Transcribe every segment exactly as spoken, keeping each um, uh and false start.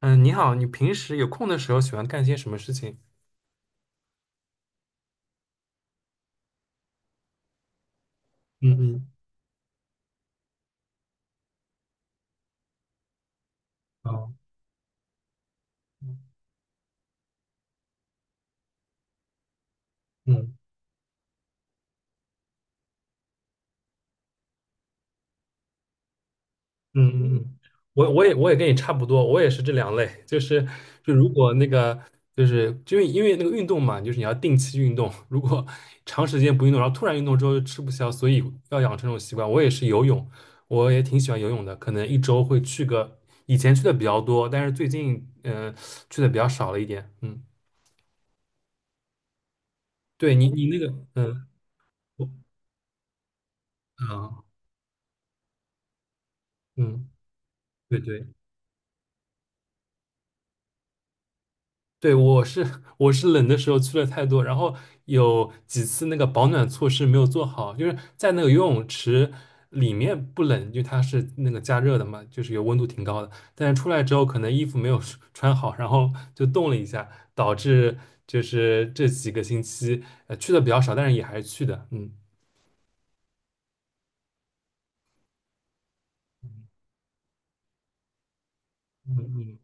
嗯，你好，你平时有空的时候喜欢干些什么事情？嗯嗯，哦，嗯嗯嗯嗯，我我也我也跟你差不多，我也是这两类，就是就如果那个就是就因为因为那个运动嘛，就是你要定期运动，如果长时间不运动，然后突然运动之后就吃不消，所以要养成这种习惯。我也是游泳，我也挺喜欢游泳的，可能一周会去个，以前去的比较多，但是最近嗯、呃去的比较少了一点。嗯，对你你那个嗯我啊嗯对对。对，我是我是冷的时候去了太多，然后有几次那个保暖措施没有做好，就是在那个游泳池里面不冷，因为它是那个加热的嘛，就是有温度挺高的，但是出来之后可能衣服没有 穿好，然后就冻了一下，导致就是这几个星期呃去的比较少，但是也还是去的，嗯。嗯嗯，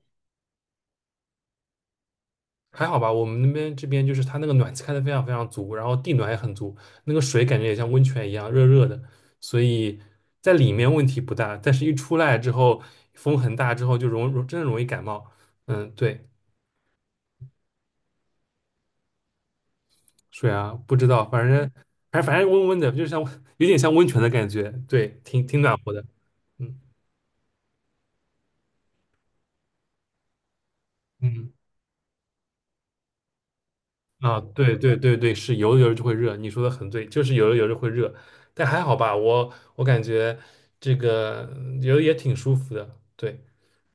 还好吧，我们那边这边就是它那个暖气开的非常非常足，然后地暖也很足，那个水感觉也像温泉一样热热的，所以在里面问题不大，但是一出来之后风很大之后就容容真的容易感冒。嗯，对，水啊，不知道，反正反正反正温温的，就像 有点像温泉的感觉，对，挺挺暖和的。嗯嗯。啊，对对对对，是游着游着就会热，你说的很对，就是游着游着会热，但还好吧，我我感觉这个游得也挺舒服的，对。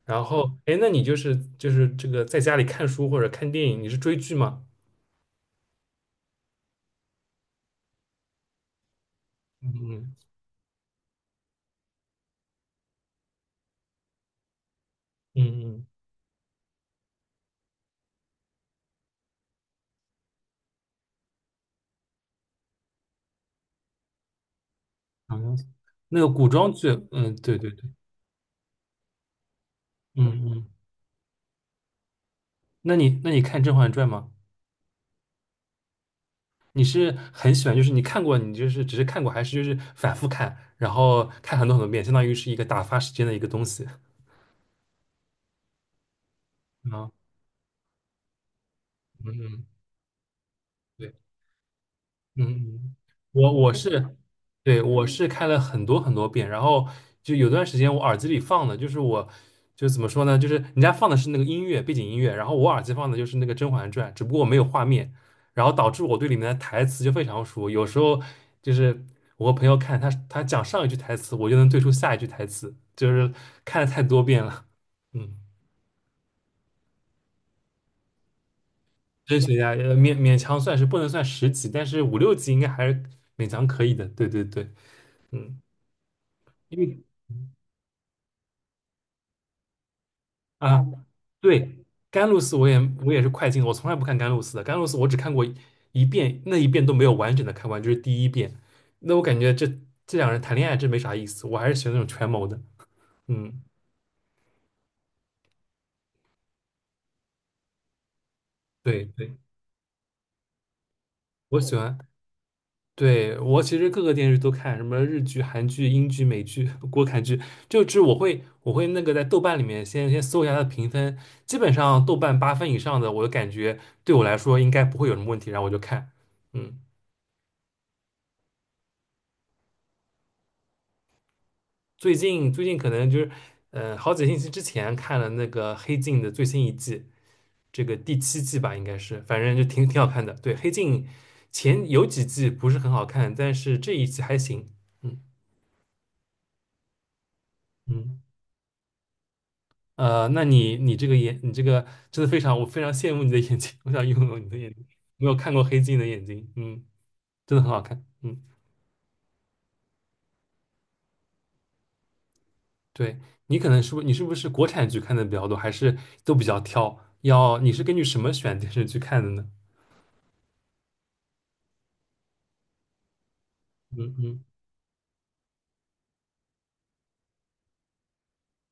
然后，哎，那你就是就是这个在家里看书或者看电影，你是追剧吗？嗯嗯嗯，好像是那个古装剧，嗯，对对对，嗯嗯，那你那你看《甄嬛传》吗？你是很喜欢，就是你看过，你就是只是看过，还是就是反复看，然后看很多很多遍，相当于是一个打发时间的一个东西啊，嗯嗯。对。嗯嗯，我我是，对，我是看了很多很多遍，然后就有段时间我耳机里放的就是我，就怎么说呢，就是人家放的是那个音乐背景音乐，然后我耳机放的就是那个《甄嬛传》，只不过我没有画面，然后导致我对里面的台词就非常熟，有时候就是我和朋友看他他讲上一句台词，我就能对出下一句台词，就是看了太多遍了，嗯，真学家呃勉勉强算是不能算十级，但是五六级应该还是勉强可以的，对对对，嗯。因为。啊，对，甘露寺我也我也是快进的我从来不看甘露寺的。甘露寺我只看过一遍，那一遍都没有完整的看完，就是第一遍。那我感觉这这两人谈恋爱真没啥意思，我还是喜欢那种权谋的。嗯，对对，我喜欢。对，我其实各个电视剧都看，什么日剧、韩剧、英剧、美剧、国产剧，就是我会我会那个在豆瓣里面先先搜一下它的评分，基本上豆瓣八分以上的，我就感觉对我来说应该不会有什么问题，然后我就看。嗯。最近最近可能就是，呃，好几个星期之前看了那个《黑镜》的最新一季，这个第七季吧，应该是，反正就挺挺好看的。对，《黑镜》前有几季不是很好看，但是这一季还行。嗯嗯，呃，那你你这个眼，你这个真的非常，我非常羡慕你的眼睛，我想拥有你的眼睛。没有看过《黑镜》的眼睛，嗯，真的很好看。嗯，对，你可能是不，你是不是国产剧看的比较多，还是都比较挑？要你是根据什么选电视剧看的呢？嗯嗯。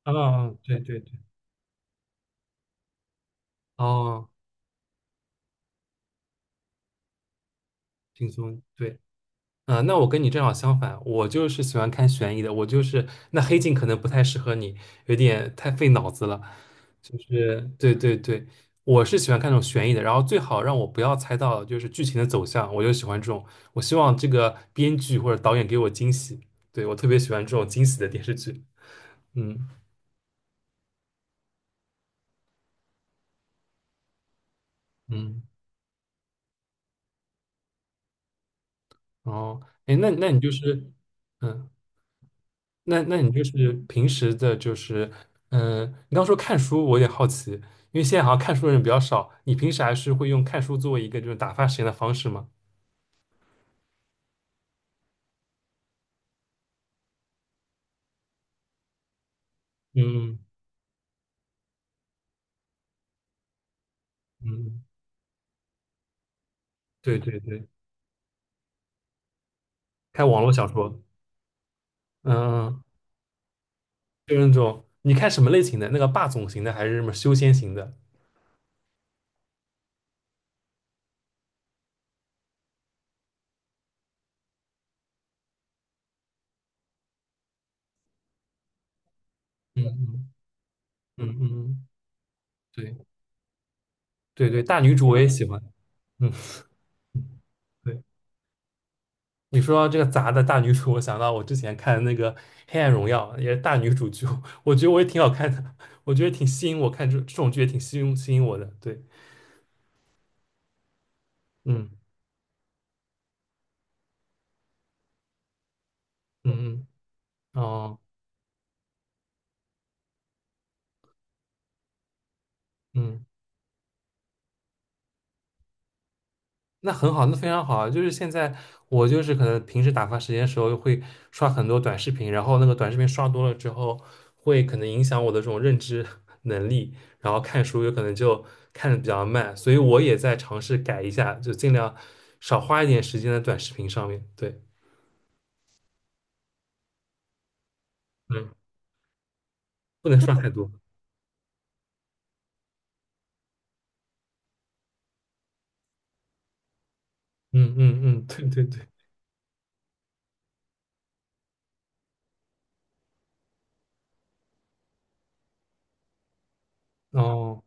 啊对对对，哦，轻松，对，嗯那我跟你正好相反，我就是喜欢看悬疑的，我就是那黑镜可能不太适合你，有点太费脑子了，就是对对对，我是喜欢看那种悬疑的，然后最好让我不要猜到就是剧情的走向，我就喜欢这种，我希望这个编剧或者导演给我惊喜，对，我特别喜欢这种惊喜的电视剧，嗯嗯，哦，哎，那那你就是，嗯。那那你就是平时的，就是嗯，你刚说看书，我有点好奇，因为现在好像看书的人比较少，你平时还是会用看书作为一个就是打发时间的方式吗？嗯嗯，对对对，看网络小说，嗯，就是那种你看什么类型的？那个霸总型的还是什么修仙型的？嗯嗯嗯嗯，对对对，大女主我也喜欢，嗯。对。你说到这个杂的大女主，我想到我之前看的那个《黑暗荣耀》，也是大女主剧，我觉得我也挺好看的，我觉得挺吸引我看这这种剧也挺吸引吸引我的。对，嗯嗯嗯，哦，嗯。那很好，那非常好啊！就是现在我就是可能平时打发时间的时候会刷很多短视频，然后那个短视频刷多了之后，会可能影响我的这种认知 能力，然后看书有可能就看的比较慢，所以我也在尝试改一下，就尽量少花一点时间在短视频上面。对，嗯，不能刷太多。嗯嗯嗯，对对对，哦。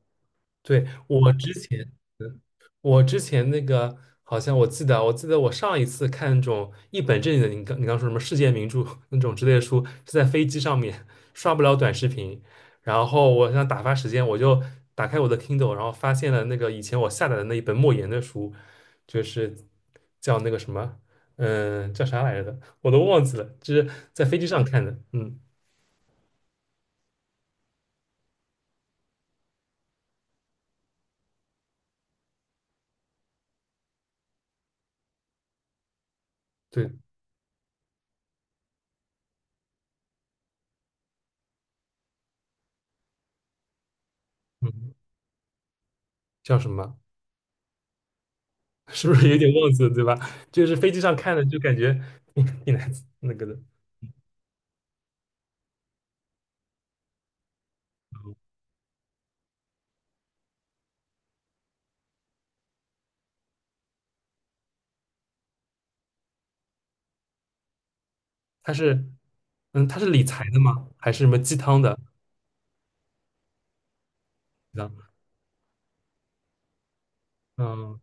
对，我之前，嗯我之前那个好像我记得，我记得我上一次看那种一本正经的，你刚你刚说什么世界名著 那种之类的书，是在飞机上面刷不了短视频，然后我想打发时间，我就打开我的 Kindle，然后发现了那个以前我下载的那一本莫言的书，就是叫那个什么，嗯、叫啥来着的，我都忘记了，就是在飞机上看的，嗯，对，嗯，叫什么？是不是有点忘记了，对吧？就是飞机上看的，就感觉挺挺难那个的。他是，嗯，他是理财的吗？还是什么鸡汤的？嗯，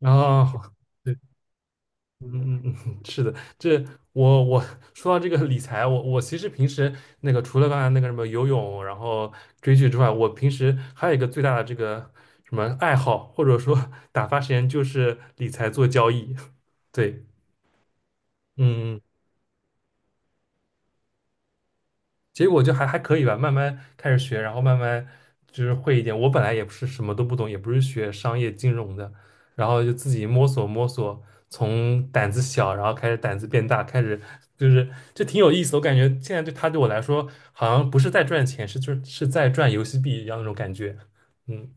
然后对，嗯嗯嗯，是的，这我我说到这个理财，我我其实平时那个除了刚才那个什么游泳，然后追剧之外，我平时还有一个最大的这个什么爱好，或者说打发时间就是理财做交易。对，嗯。嗯结果就还还可以吧，慢慢开始学，然后慢慢就是会一点。我本来也不是什么都不懂，也不是学商业金融的，然后就自己摸索摸索，从胆子小，然后开始胆子变大，开始就是就挺有意思的我感觉现在对他对我来说，好像不是在赚钱，是就是是在赚游戏币一样那种感觉。嗯。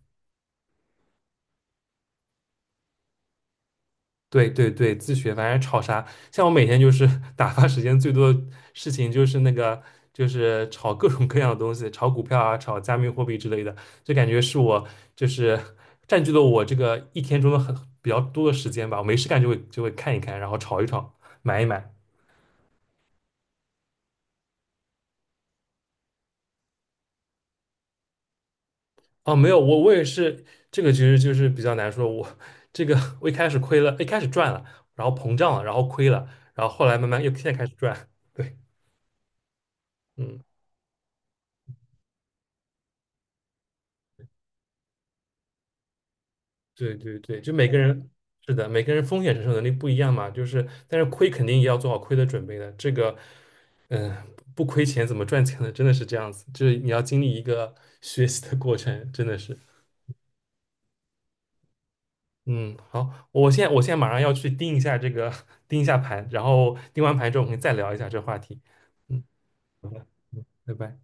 对对对，自学反正炒啥，像我每天就是 打发时间最多的事情就是那个，就是炒各种各样的东西，炒股票啊，炒加密货币之类的，就感觉是我就是占据了我这个一天中的很比较多的时间吧。我没事干就会就会看一看，然后炒一炒，买一买。哦，没有，我我也是这个，其实就是比较难说。我这个我一开始亏了，一开始赚了，然后膨胀了，然后亏了，然后后来慢慢又现在开始赚。对，嗯。对对对，就每个人是的，每个人风险承受能力不一样嘛，就是但是亏肯定也要做好亏的准备的。这个，嗯、不亏钱怎么赚钱呢？真的是这样子，就是你要经历一个 学习的过程，真的是。嗯，好，我现在我现在马上要去盯一下这个 盯一下盘，然后盯完盘之后我们再聊一下这个话题。嗯，好的，拜拜。